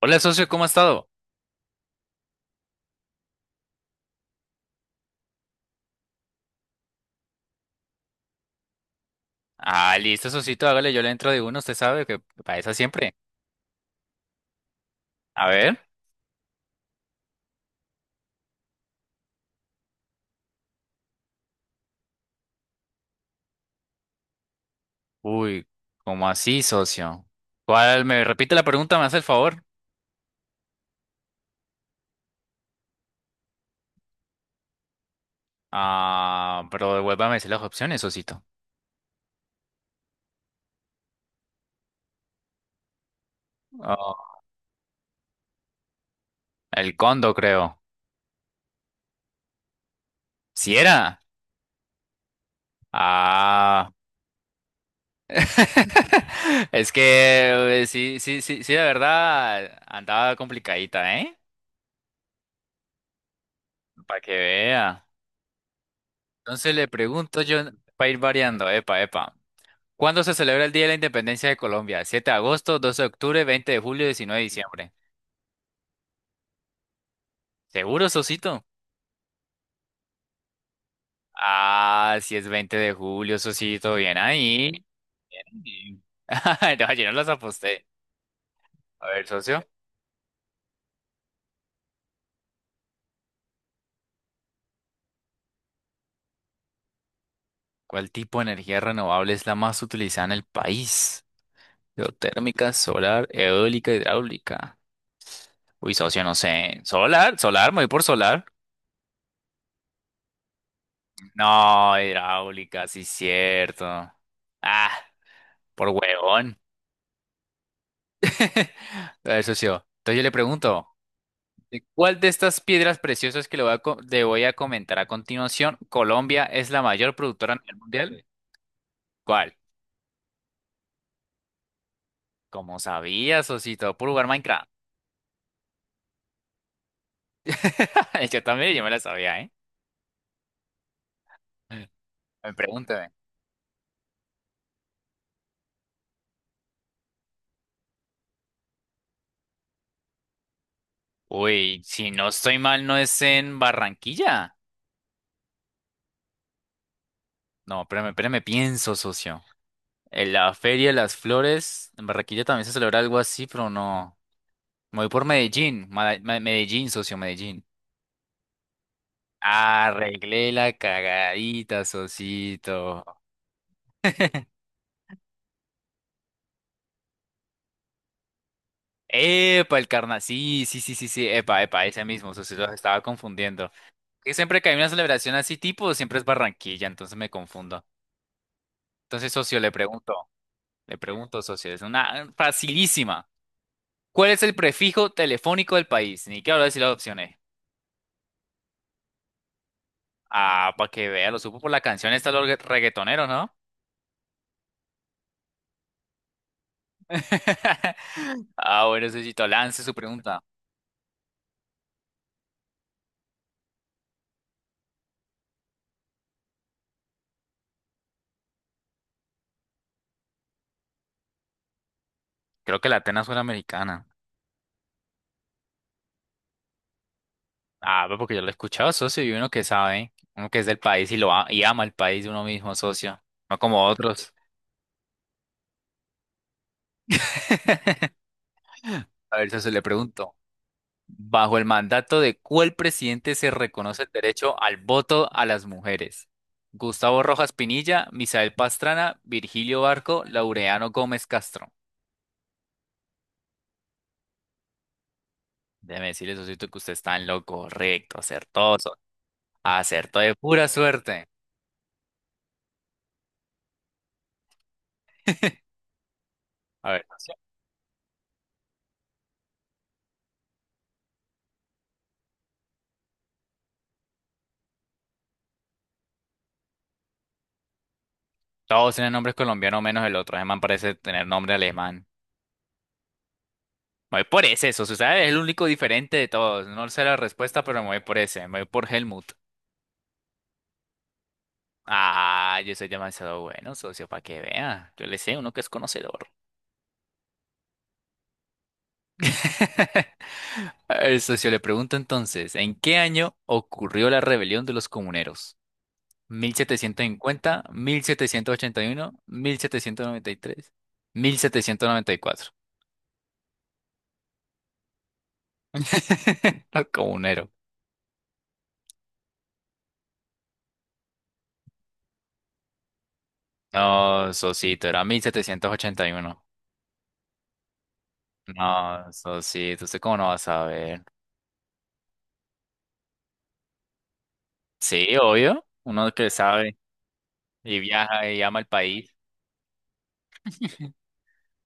Hola, socio, ¿cómo ha estado? Ah, listo, socito, hágale, yo le entro de uno, usted sabe que para esa siempre. A ver. Uy, ¿cómo así, socio? ¿Cuál? ¿Me repite la pregunta? ¿Me hace el favor? Ah, pero devuélvame a decir las opciones, socito. Ah, el condo, creo. ¿Si era? Ah. Es que sí, sí, sí, sí, la verdad andaba complicadita, ¿eh? Para que vea. Entonces le pregunto yo, para ir variando, epa, epa. ¿Cuándo se celebra el Día de la Independencia de Colombia? 7 de agosto, 12 de octubre, 20 de julio, 19 de diciembre. ¿Seguro, Sosito? Ah, si es 20 de julio, Sosito. Bien ahí. Bien ahí. No, yo no los aposté. A ver, socio. ¿Cuál tipo de energía renovable es la más utilizada en el país? Geotérmica, solar, eólica, hidráulica. Uy, socio, no sé. ¿Solar? ¿Solar? ¿Me voy por solar? No, hidráulica, sí, cierto. Ah, por huevón. Eso sí. Oh. Entonces yo le pregunto, ¿de ¿cuál de estas piedras preciosas que le voy a comentar a continuación, Colombia es la mayor productora a nivel mundial? ¿Cuál? Como sabías, Osito, por jugar Minecraft. Yo también, yo me la sabía, ¿eh? Me Pregúntame. Uy, si no estoy mal, ¿no es en Barranquilla? No, espérame, espérame, pienso, socio. En la Feria de las Flores, en Barranquilla también se celebra algo así, pero no. Me voy por Medellín, Medellín, socio, Medellín. Arreglé la cagadita, Sosito. Epa, el carna. Sí, sí, sí, sí, sí. Epa, epa, ese mismo, Sosito, los estaba confundiendo. Que siempre que hay una celebración así tipo, siempre es Barranquilla, entonces me confundo. Entonces, socio, le pregunto, socio, es una facilísima. ¿Cuál es el prefijo telefónico del país? Ni que hablar de decir las opciones. Ah, para que vea, lo supo por la canción esta de los reggaetonero, ¿no? Ah, bueno, Sosito, lance su pregunta. Creo que la Atenas suena americana. Ah, pues porque yo lo he escuchado, socio, y uno que sabe, uno que es del país y y ama el país de uno mismo, socio, no como otros. A ver, socio, le pregunto, ¿bajo el mandato de cuál presidente se reconoce el derecho al voto a las mujeres? Gustavo Rojas Pinilla, Misael Pastrana, Virgilio Barco, Laureano Gómez Castro. Déjeme decirle, socio, que usted está en lo correcto, acertó, socio, acertó de pura suerte. A ver, socio, todos tienen nombres colombianos menos el otro, ese man parece tener nombre alemán. Me voy por ese, eso, ¿sabes? Es el único diferente de todos. No sé la respuesta, pero me voy por ese. Me voy por Helmut. Ah, yo soy demasiado bueno, socio, para que vea. Yo le sé, uno que es conocedor. El socio, le pregunto entonces, ¿en qué año ocurrió la rebelión de los comuneros? ¿1750, 1781, 1793, 1794? Los comuneros. No, socito, era 1781. No, socito, ¿usted cómo no va a saber? Sí, obvio. Uno que sabe y viaja y ama el país.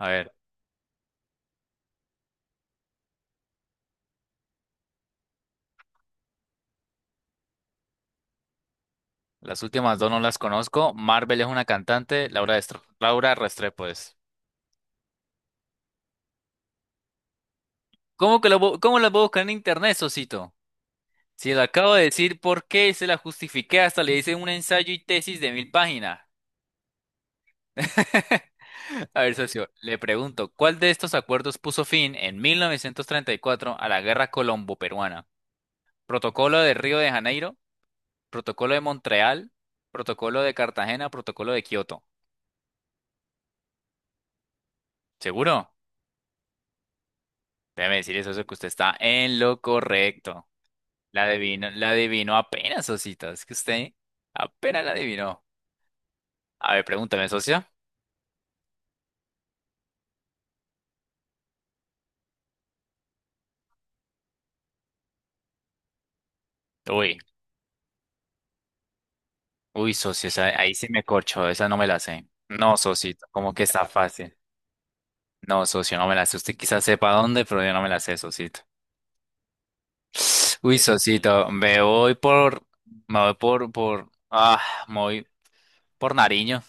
A ver, las últimas dos no las conozco. Marvel es una cantante. Laura Restrepo es. ¿Cómo que cómo la puedo buscar en internet, Sosito? Si le acabo de decir por qué se la justifiqué, hasta le hice un ensayo y tesis de mil páginas. A ver, socio, le pregunto, ¿cuál de estos acuerdos puso fin en 1934 a la Guerra Colombo-Peruana? ¿Protocolo de Río de Janeiro? ¿Protocolo de Montreal? ¿Protocolo de Cartagena? ¿Protocolo de Kioto? ¿Seguro? Déjeme decir eso, eso que usted está en lo correcto. La adivino, la adivinó apenas, Osito. Es que usted apenas la adivinó. A ver, pregúntame, socio. Uy, uy, socio, ahí sí me corcho, esa no me la sé. No, socito, como que está fácil. No, socio, no me la sé. Usted quizás sepa dónde, pero yo no me la sé, socito. Uy, socito, me voy por, por, ah, me voy por Nariño.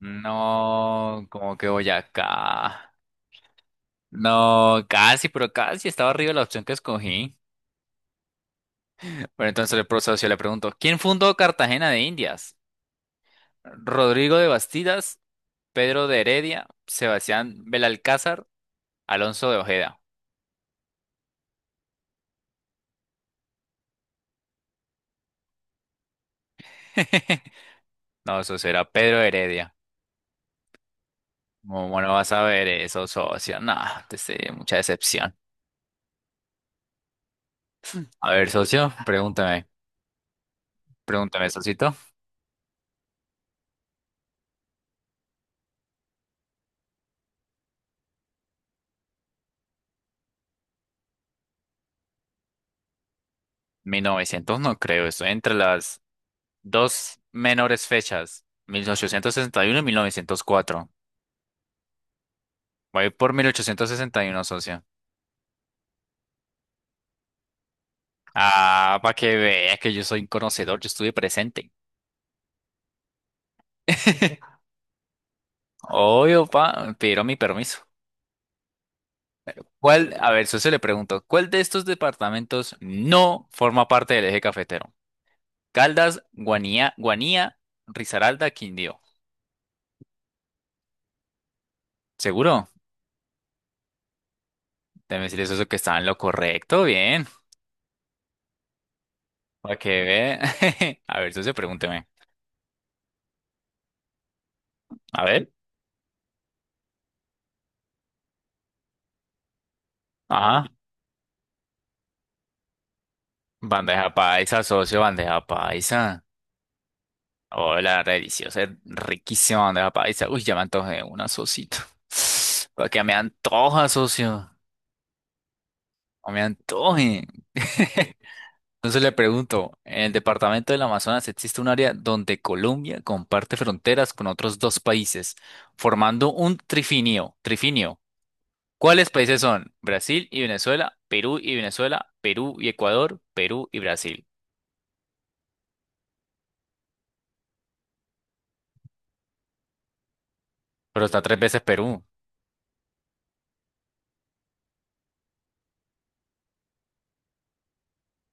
No, como que voy acá. No, casi, pero casi estaba arriba la opción que escogí. Pero entonces el profesor socio le pregunto, ¿quién fundó Cartagena de Indias? Rodrigo de Bastidas, Pedro de Heredia, Sebastián Belalcázar, Alonso de Ojeda. No, eso será Pedro de Heredia. ¿Cómo no vas a ver eso, socio? No, te sé, mucha decepción. A ver, socio, pregúntame, pregúntame, socito. Mil novecientos no creo, estoy entre las dos menores fechas, 1861 y 1904. Voy por 1861, socio. Ah, para que vea que yo soy un conocedor, yo estuve presente. Obvio, pa, pero mi permiso. ¿Cuál? A ver, socio, le pregunto, ¿cuál de estos departamentos no forma parte del eje cafetero? Caldas, Guanía, Risaralda, Quindío. ¿Seguro? Debe decir eso que estaba en lo correcto, bien. Para que vea. A ver, socio, pregúnteme. A ver. Ajá. Bandeja paisa, socio, bandeja paisa. Hola, la deliciosa, es riquísima bandeja paisa. Uy, ya me antojé una, socito. Para que me antoja, socio. ¿O me antoje. Entonces le pregunto, ¿en el departamento del Amazonas existe un área donde Colombia comparte fronteras con otros dos países, formando un trifinio? Trifinio. ¿Cuáles países son? Brasil y Venezuela, Perú y Venezuela, Perú y Ecuador, Perú y Brasil. Pero está tres veces Perú.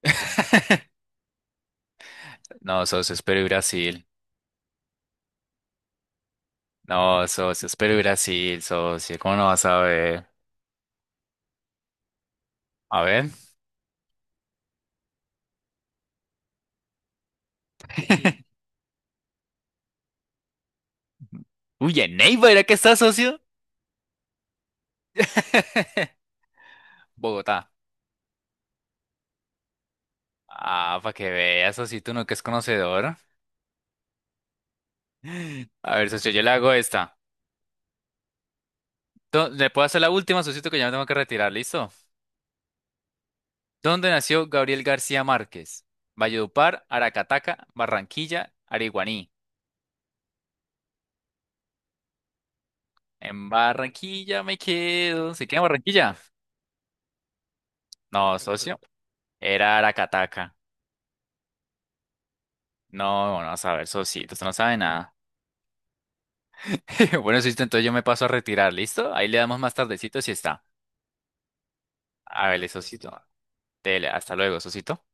No, socio, es Perú y Brasil. No, socio, es Perú y Brasil, socio. ¿Cómo no vas a ver? A ver. Uy, en Neiva, ¿era que está, socio? Bogotá. Ah, para que veas, socito, no que es conocedor. A ver, socio, yo le hago esta. ¿Le puedo hacer la última, socito, que ya me tengo que retirar? ¿Listo? ¿Dónde nació Gabriel García Márquez? Valledupar, Aracataca, Barranquilla, Ariguaní. En Barranquilla me quedo. ¿Se queda en Barranquilla? No, socio. Era Aracataca. No, no, a ver, socito, usted no sabe nada. Bueno, Sisto, entonces yo me paso a retirar, ¿listo? Ahí le damos más tardecito si está. A ver, Sosito. Dele, hasta luego, Sosito.